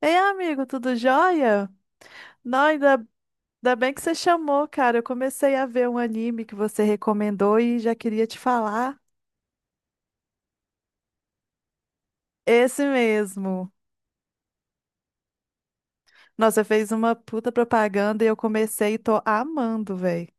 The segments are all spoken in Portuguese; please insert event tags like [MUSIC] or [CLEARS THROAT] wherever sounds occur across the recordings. Ei, amigo, tudo jóia? Não, ainda, ainda bem que você chamou, cara. Eu comecei a ver um anime que você recomendou e já queria te falar. Esse mesmo. Nossa, fez uma puta propaganda e eu comecei e tô amando, velho.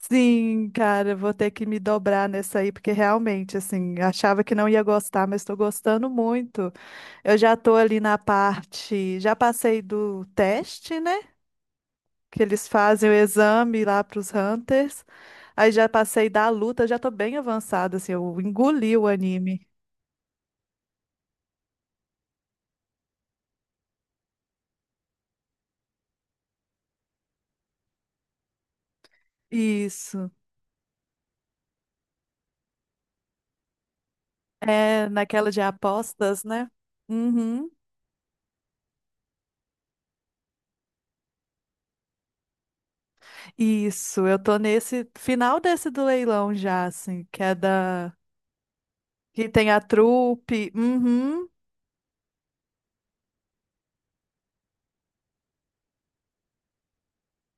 Sim, cara, vou ter que me dobrar nessa aí, porque realmente, achava que não ia gostar, mas tô gostando muito. Eu já tô ali na parte, já passei do teste, né? Que eles fazem o exame lá para os Hunters. Aí já passei da luta, já tô bem avançada, assim, eu engoli o anime. Isso. É naquela de apostas, né? Uhum. Isso, eu tô nesse final desse do leilão já, assim, que é da. Que tem a trupe. Uhum.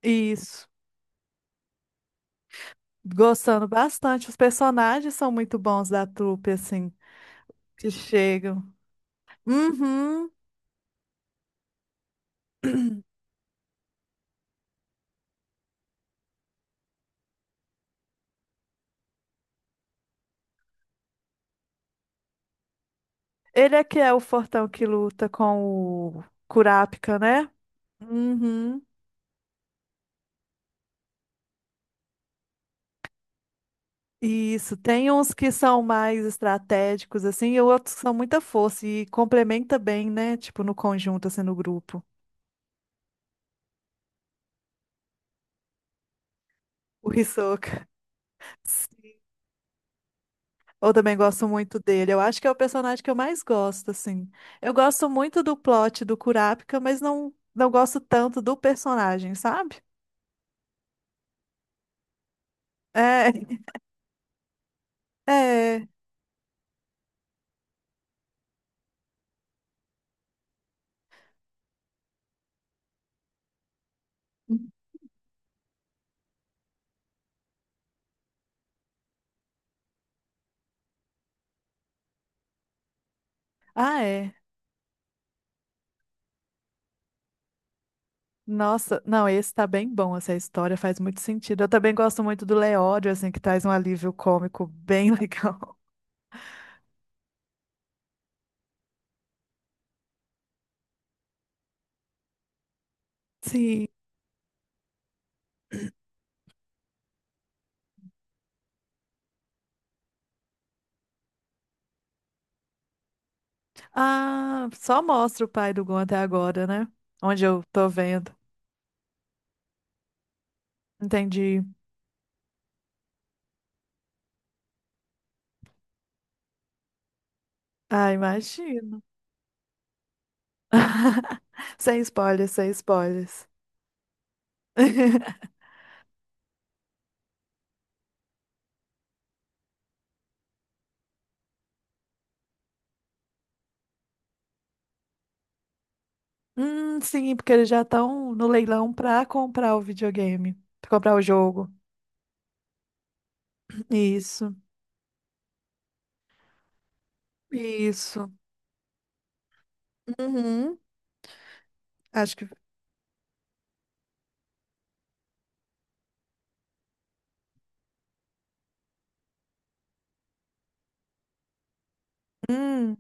Isso. Gostando bastante. Os personagens são muito bons da trupe, assim, que chegam. Uhum. Ele é que é o fortão que luta com o Kurapika, né? Uhum. Isso, tem uns que são mais estratégicos, assim, e outros que são muita força e complementa bem, né? Tipo, no conjunto, assim, no grupo. O Hisoka. [LAUGHS] Sim. Eu também gosto muito dele. Eu acho que é o personagem que eu mais gosto, assim. Eu gosto muito do plot do Kurapika, mas não gosto tanto do personagem, sabe? É, [LAUGHS] é. Ah, é. Nossa, não, esse tá bem bom, essa história faz muito sentido. Eu também gosto muito do Leódio, assim, que traz um alívio cômico bem [LAUGHS] legal. Sim. Ah, só mostra o pai do Gon até agora, né? Onde eu tô vendo. Entendi. Ah, imagino. [LAUGHS] Sem spoilers, sem spoilers. [LAUGHS] Sim, porque eles já estão no leilão pra comprar o videogame, pra comprar o jogo. Isso, isso. Uhum, acho que. Hum,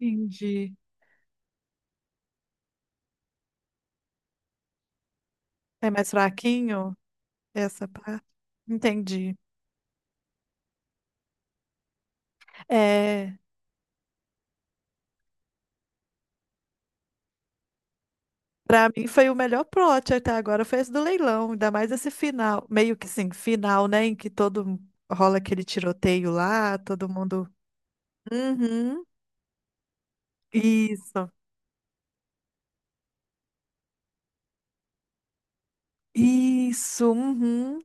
entendi. É mais fraquinho essa parte? Entendi. É, para mim foi o melhor plot até agora, foi esse do leilão, ainda mais esse final, meio que sim, final, né, em que todo rola aquele tiroteio lá, todo mundo. Uhum. Isso. Isso, uhum.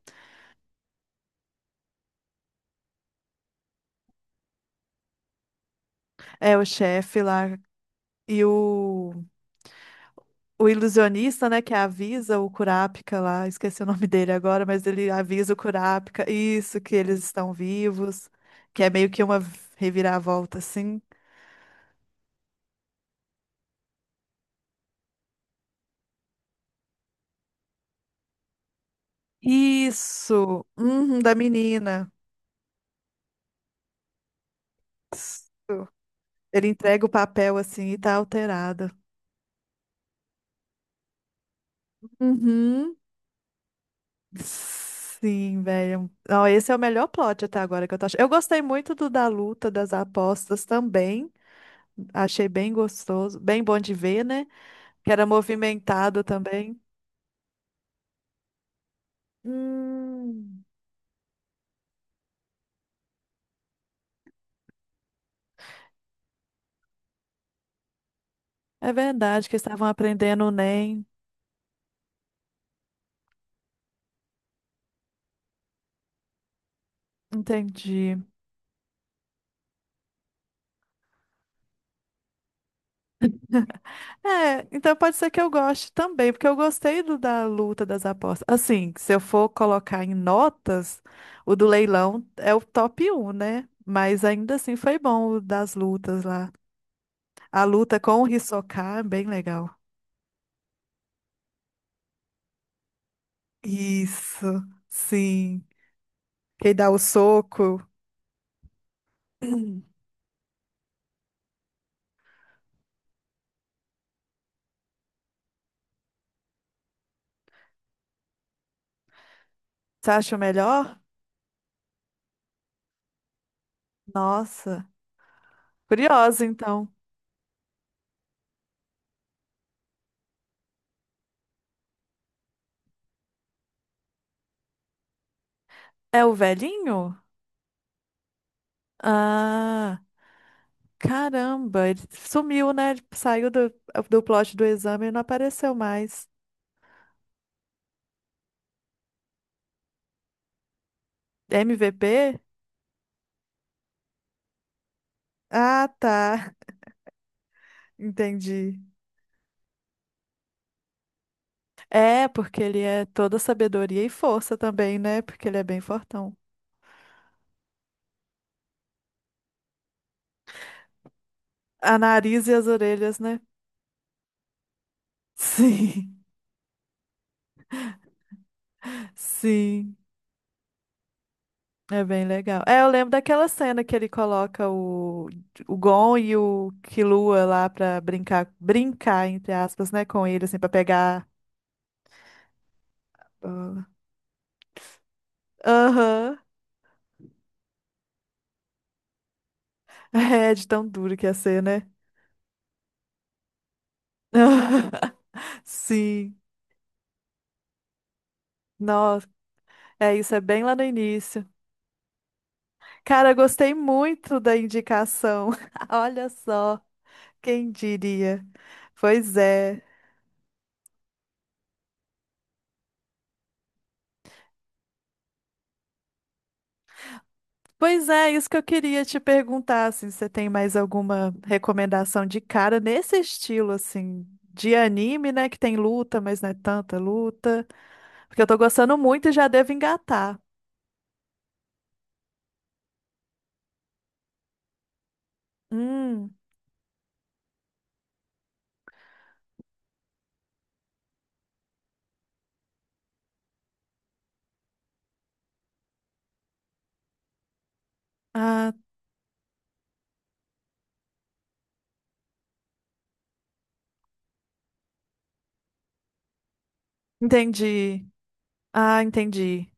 É o chefe lá e o ilusionista, né, que avisa o Kurapika lá, esqueci o nome [LAUGHS] dele agora, mas ele avisa o Kurapika, isso, que eles estão vivos, que é meio que uma reviravolta, assim. Isso, uhum, da menina. Isso. Ele entrega o papel, assim, e tá alterado. Uhum. Sim, velho. Não, esse é o melhor plot até agora que eu tô achando. Eu gostei muito do da luta, das apostas também. Achei bem gostoso, bem bom de ver, né? Que era movimentado também. Hum, é verdade que estavam aprendendo o NEM. Entendi. É, então pode ser que eu goste também, porque eu gostei do da luta das apostas. Assim, se eu for colocar em notas, o do leilão é o top um, né? Mas ainda assim foi bom o das lutas lá. A luta com o Hisoka é bem legal. Isso, sim. Quem dá o soco. [CLEARS THROAT] Você acha o melhor? Nossa, curiosa então. É o velhinho? Ah, caramba, ele sumiu, né? Ele saiu do, do plot do exame e não apareceu mais. MVP? Ah, tá. [LAUGHS] Entendi. É, porque ele é toda sabedoria e força também, né? Porque ele é bem fortão. A nariz e as orelhas, né? Sim, [LAUGHS] sim. É bem legal. É, eu lembro daquela cena que ele coloca o Gon e o Killua lá pra brincar, brincar, entre aspas, né, com ele, assim, pra pegar. Aham. É de tão duro que ia ser, né? [LAUGHS] Sim. Nossa, é isso, é bem lá no início. Cara, eu gostei muito da indicação. [LAUGHS] Olha só, quem diria? Pois é. Pois é, isso que eu queria te perguntar, assim, se você tem mais alguma recomendação de cara nesse estilo, assim, de anime, né, que tem luta, mas não é tanta luta, porque eu tô gostando muito e já devo engatar. Hum, ah, entendi. Ah, entendi.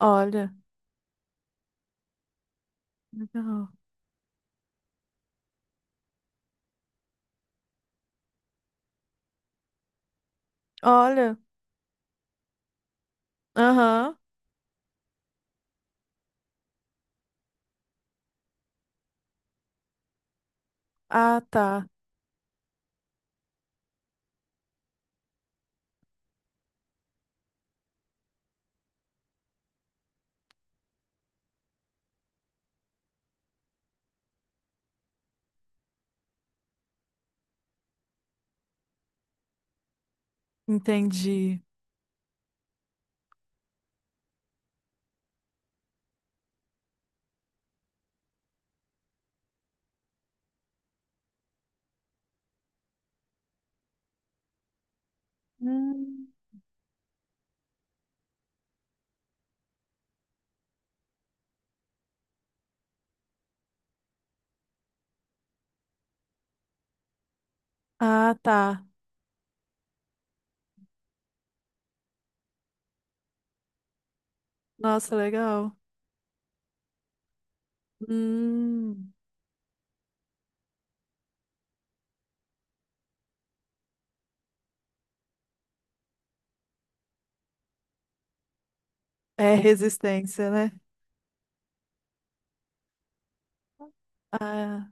Olha, legal. Olha, aham. Ah, tá. Entendi. Hum. Ah, tá. Nossa, legal. Hum, é resistência, né? Ah,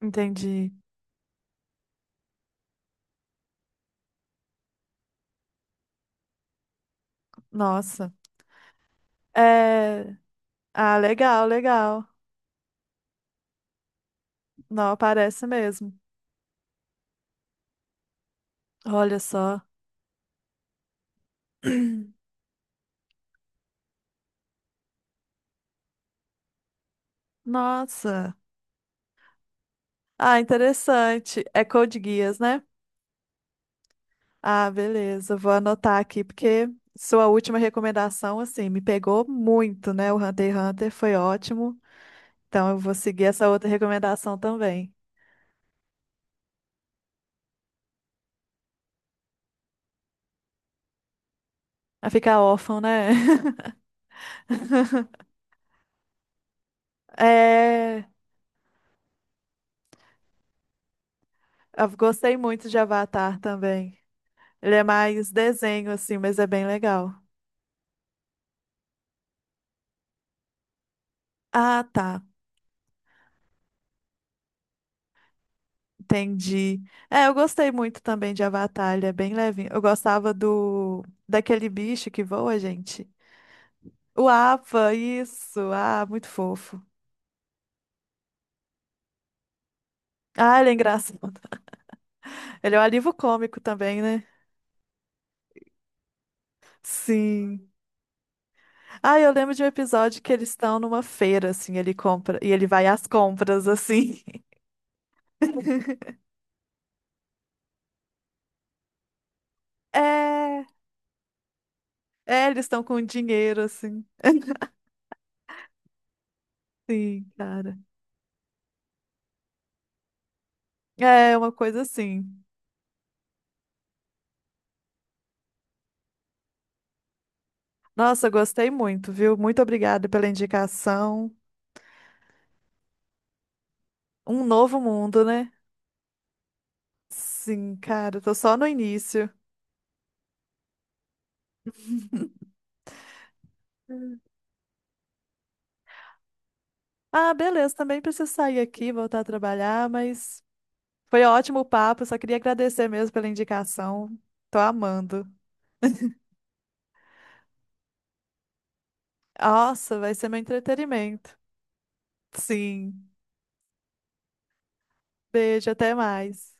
entendi. Nossa. É. Ah, legal, legal. Não, parece mesmo. Olha só. [CLEARS THROAT] Nossa. Ah, interessante. É Code Geass, né? Ah, beleza. Vou anotar aqui, porque sua última recomendação, assim, me pegou muito, né? O Hunter x Hunter foi ótimo. Então, eu vou seguir essa outra recomendação também. A ficar órfão, né? [LAUGHS] É. Eu gostei muito de Avatar também. Ele é mais desenho, assim, mas é bem legal. Ah, tá. Entendi. É, eu gostei muito também de Avatar. Ele é bem levinho. Eu gostava do. Daquele bicho que voa, gente. O Apa, isso. Ah, muito fofo. Ah, ele é engraçado. Ele é um alívio cômico também, né? Sim. Ah, eu lembro de um episódio que eles estão numa feira, assim, ele compra e ele vai às compras, assim. [LAUGHS] É, é, eles estão com dinheiro, assim. Sim, cara. É uma coisa assim. Nossa, gostei muito, viu? Muito obrigada pela indicação. Um novo mundo, né? Sim, cara, tô só no início. Ah, beleza, também preciso sair aqui, voltar a trabalhar, mas foi ótimo o papo, só queria agradecer mesmo pela indicação. Tô amando. Nossa, vai ser meu entretenimento. Sim. Beijo, até mais.